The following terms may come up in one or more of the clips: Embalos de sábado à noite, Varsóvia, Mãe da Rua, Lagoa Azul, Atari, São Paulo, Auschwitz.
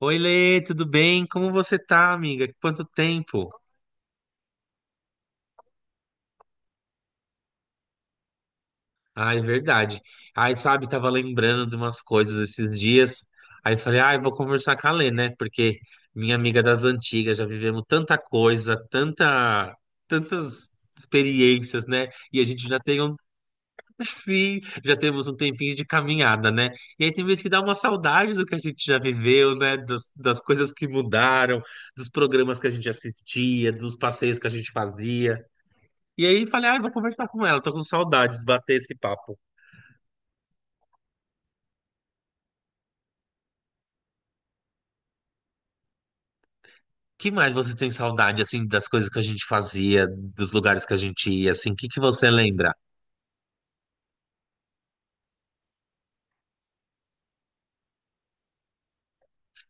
Oi, Lê, tudo bem? Como você tá, amiga? Quanto tempo? Ah, é verdade. Aí, sabe, tava lembrando de umas coisas esses dias. Aí falei, ah, eu vou conversar com a Lê, né? Porque minha amiga das antigas, já vivemos tanta coisa, tanta, tantas experiências, né? E a gente já tem um, sim, já temos um tempinho de caminhada, né? E aí tem vezes que dá uma saudade do que a gente já viveu, né? Das coisas que mudaram, dos programas que a gente assistia, dos passeios que a gente fazia. E aí falei, ah, vou conversar com ela, tô com saudades, de bater esse papo. Que mais você tem saudade, assim, das coisas que a gente fazia, dos lugares que a gente ia, assim, o que que você lembra?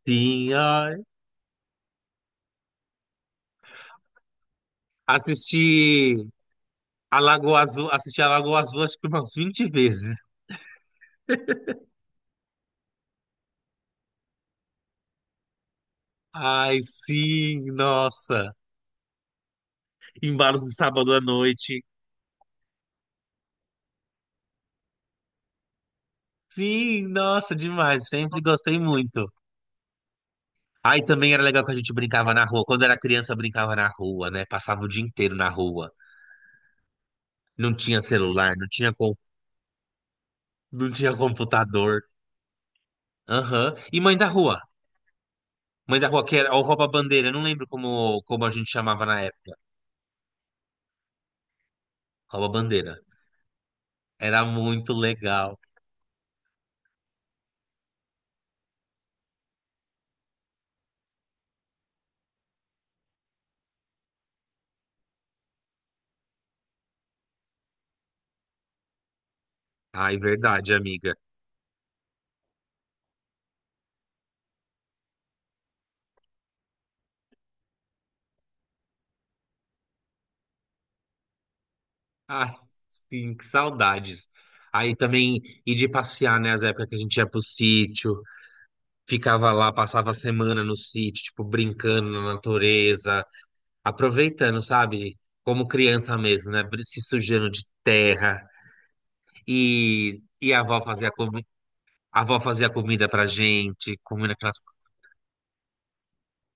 Sim, ai. Assisti a Lagoa Azul, assisti a Lagoa Azul acho que umas 20 vezes. Ai, sim, nossa. Embalos de sábado à noite. Sim, nossa, demais, sempre gostei muito. Aí também era legal que a gente brincava na rua. Quando era criança, brincava na rua, né? Passava o dia inteiro na rua. Não tinha celular, não tinha. Não tinha computador. Aham. E Mãe da Rua. Mãe da Rua, que era o rouba-bandeira. Não lembro como, como a gente chamava na época. Rouba-bandeira. Era muito legal. Ai, verdade, amiga. Ai, sim, que saudades. Aí também ir de passear, né? As épocas que a gente ia pro sítio, ficava lá, passava a semana no sítio, tipo, brincando na natureza, aproveitando, sabe? Como criança mesmo, né? Se sujando de terra. E a avó fazia comida. A avó fazia comida pra gente, comendo aquelas.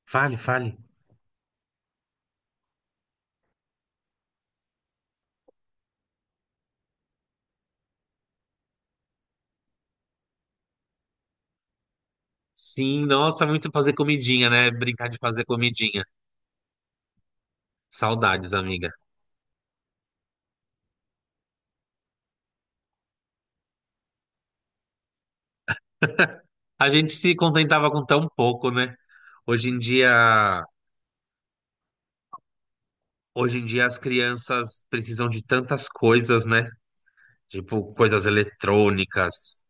Fale, fale. Sim, nossa, muito fazer comidinha, né? Brincar de fazer comidinha. Saudades, amiga. A gente se contentava com tão pouco, né? Hoje em dia, hoje em dia as crianças precisam de tantas coisas, né? Tipo, coisas eletrônicas.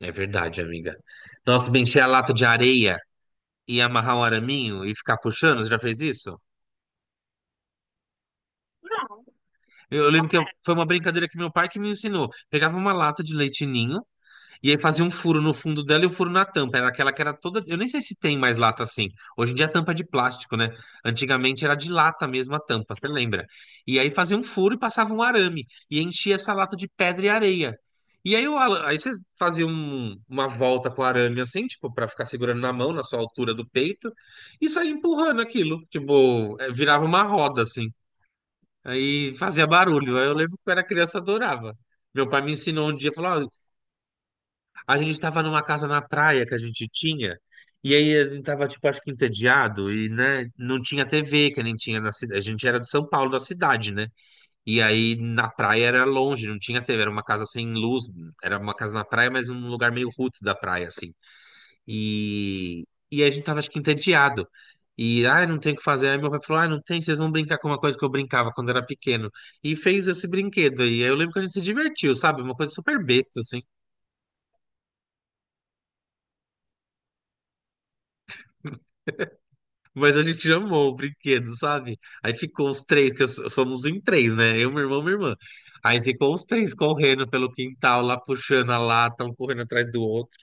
É verdade, amiga. Nossa, bem, encher a lata de areia e amarrar um araminho e ficar puxando, você já fez isso? Eu lembro que foi uma brincadeira que meu pai que me ensinou. Pegava uma lata de leite ninho. E aí fazia um furo no fundo dela e um furo na tampa. Era aquela que era toda. Eu nem sei se tem mais lata assim. Hoje em dia a tampa é de plástico, né? Antigamente era de lata mesmo a tampa, você lembra? E aí fazia um furo e passava um arame. E enchia essa lata de pedra e areia. E aí, aí você fazia uma volta com o arame assim, tipo, pra ficar segurando na mão, na sua altura do peito, e saía empurrando aquilo. Tipo, é, virava uma roda assim. Aí fazia barulho. Aí eu lembro que eu era criança, eu adorava. Meu pai me ensinou um dia, falou: "Ó, a gente estava numa casa na praia que a gente tinha, e aí a gente tava, tipo, acho que entediado, e, né, não tinha TV, que nem tinha na cidade. A gente era de São Paulo, da cidade, né? E aí na praia era longe, não tinha TV, era uma casa sem luz, era uma casa na praia, mas num lugar meio roots da praia, assim. E, e aí a gente tava, acho que entediado. E, ah, não tem o que fazer. Aí meu pai falou, ah, não tem, vocês vão brincar com uma coisa que eu brincava quando era pequeno. E fez esse brinquedo aí. Aí eu lembro que a gente se divertiu, sabe? Uma coisa super besta, assim. Mas a gente amou o brinquedo, sabe? Aí ficou os três, que somos em três, né? Eu, meu irmão, minha irmã. Aí ficou os três correndo pelo quintal, lá puxando a lata, um correndo atrás do outro.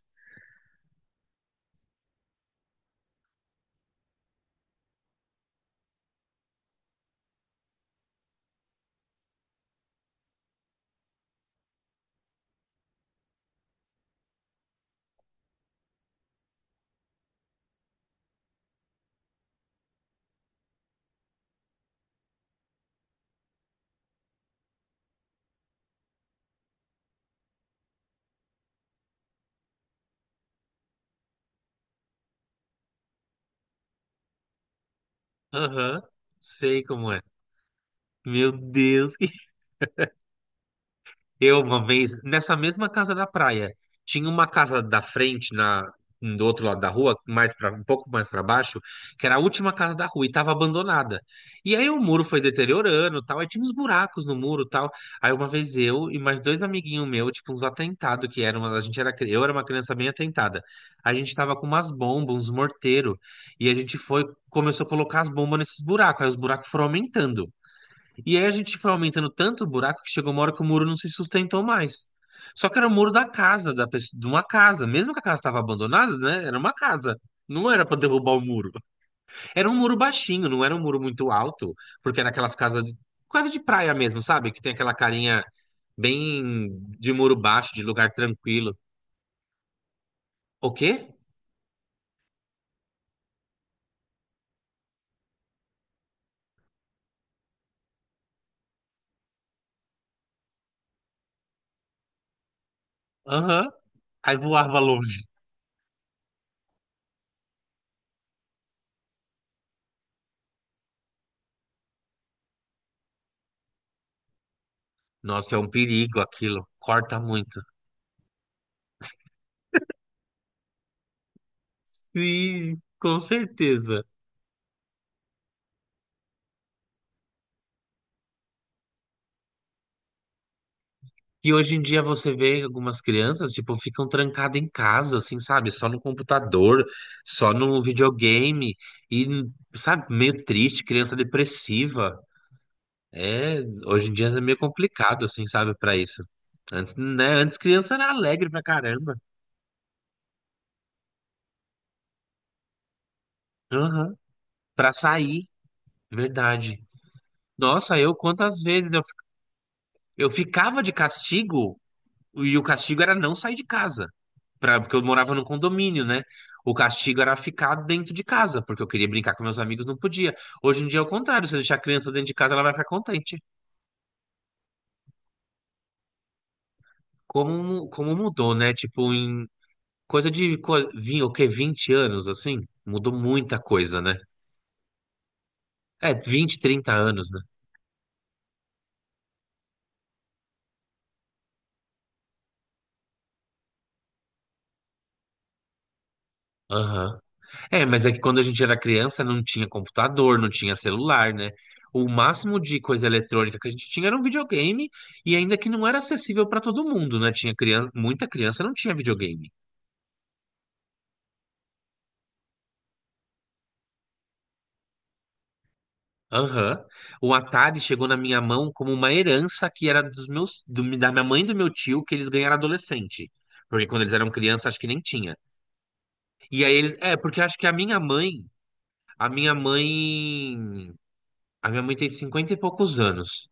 Aham, sei como é. Meu Deus. Eu, uma vez, nessa mesma casa da praia, tinha uma casa da frente, na, do outro lado da rua, mais pra, um pouco mais para baixo, que era a última casa da rua e estava abandonada. E aí o muro foi deteriorando, tal, aí tinha uns buracos no muro, tal. Aí uma vez eu e mais dois amiguinhos meus, tipo uns atentados que eram, a gente era, eu era uma criança bem atentada. A gente tava com umas bombas, uns morteiros, e a gente foi, começou a colocar as bombas nesses buracos, aí os buracos foram aumentando. E aí a gente foi aumentando tanto o buraco que chegou uma hora que o muro não se sustentou mais. Só que era o muro da casa, da pessoa, de uma casa. Mesmo que a casa estava abandonada, né? Era uma casa. Não era para derrubar o muro. Era um muro baixinho, não era um muro muito alto, porque era aquelas casas de, quase de praia mesmo, sabe? Que tem aquela carinha bem de muro baixo, de lugar tranquilo. O quê? Aham. Aí voava longe. Nossa, é um perigo aquilo. Corta muito. Sim, com certeza. E hoje em dia você vê algumas crianças, tipo, ficam trancadas em casa, assim, sabe? Só no computador, só no videogame, e, sabe, meio triste, criança depressiva. É, hoje em dia é meio complicado, assim, sabe, pra isso. Antes, né? Antes criança era alegre pra caramba. Aham. Pra sair, verdade. Nossa, eu quantas vezes eu ficava de castigo, e o castigo era não sair de casa. Pra, porque eu morava num condomínio, né? O castigo era ficar dentro de casa, porque eu queria brincar com meus amigos, não podia. Hoje em dia é o contrário, se eu deixar a criança dentro de casa, ela vai ficar contente. Como, como mudou, né? Tipo, em coisa de o quê? 20 anos, assim? Mudou muita coisa, né? É, 20, 30 anos, né? Aham. É, mas é que quando a gente era criança não tinha computador, não tinha celular, né? O máximo de coisa eletrônica que a gente tinha era um videogame e ainda que não era acessível para todo mundo, né? Tinha criança, muita criança não tinha videogame. Aham. O Atari chegou na minha mão como uma herança que era dos meus, da minha mãe e do meu tio que eles ganharam adolescente. Porque quando eles eram crianças, acho que nem tinha. E aí eles, é, porque acho que a minha mãe, a minha mãe, a minha mãe tem 50 e poucos anos.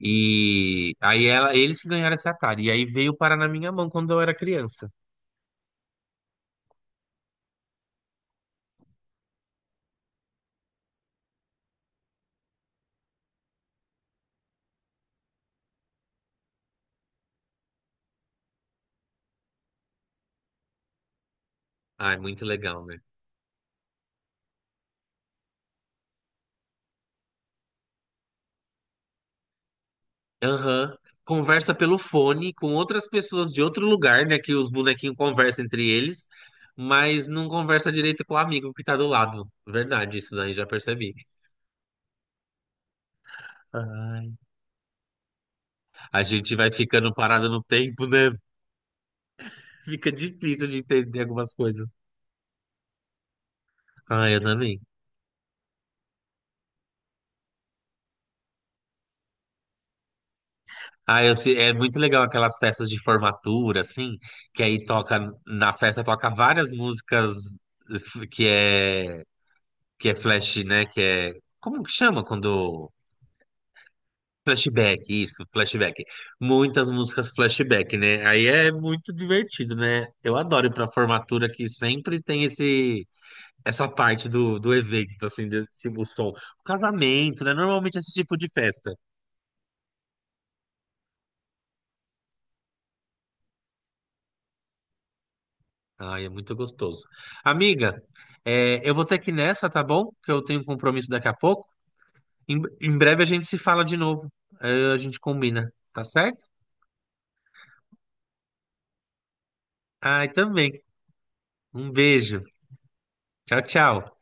E aí ela, eles que ganharam esse Atari. E aí veio parar na minha mão quando eu era criança. Ai, muito legal, né? Aham. Conversa pelo fone com outras pessoas de outro lugar, né? Que os bonequinhos conversam entre eles, mas não conversa direito com o amigo que tá do lado. Verdade, isso daí já percebi. Ai. A gente vai ficando parado no tempo, né? Fica difícil de entender algumas coisas. Ai, eu também. Ah, é muito legal aquelas festas de formatura, assim, que aí toca, na festa toca várias músicas que é, que é flash, né, que é, como que chama quando, flashback, isso, flashback. Muitas músicas flashback, né, aí é muito divertido, né, eu adoro ir pra formatura que sempre tem esse, essa parte do, do evento, assim, desse tipo som. Casamento, né, normalmente esse tipo de festa. Ai, é muito gostoso. Amiga, é, eu vou ter que ir nessa, tá bom? Que eu tenho um compromisso daqui a pouco. Em breve a gente se fala de novo. Aí a gente combina, tá certo? Ai, também. Um beijo. Tchau, tchau.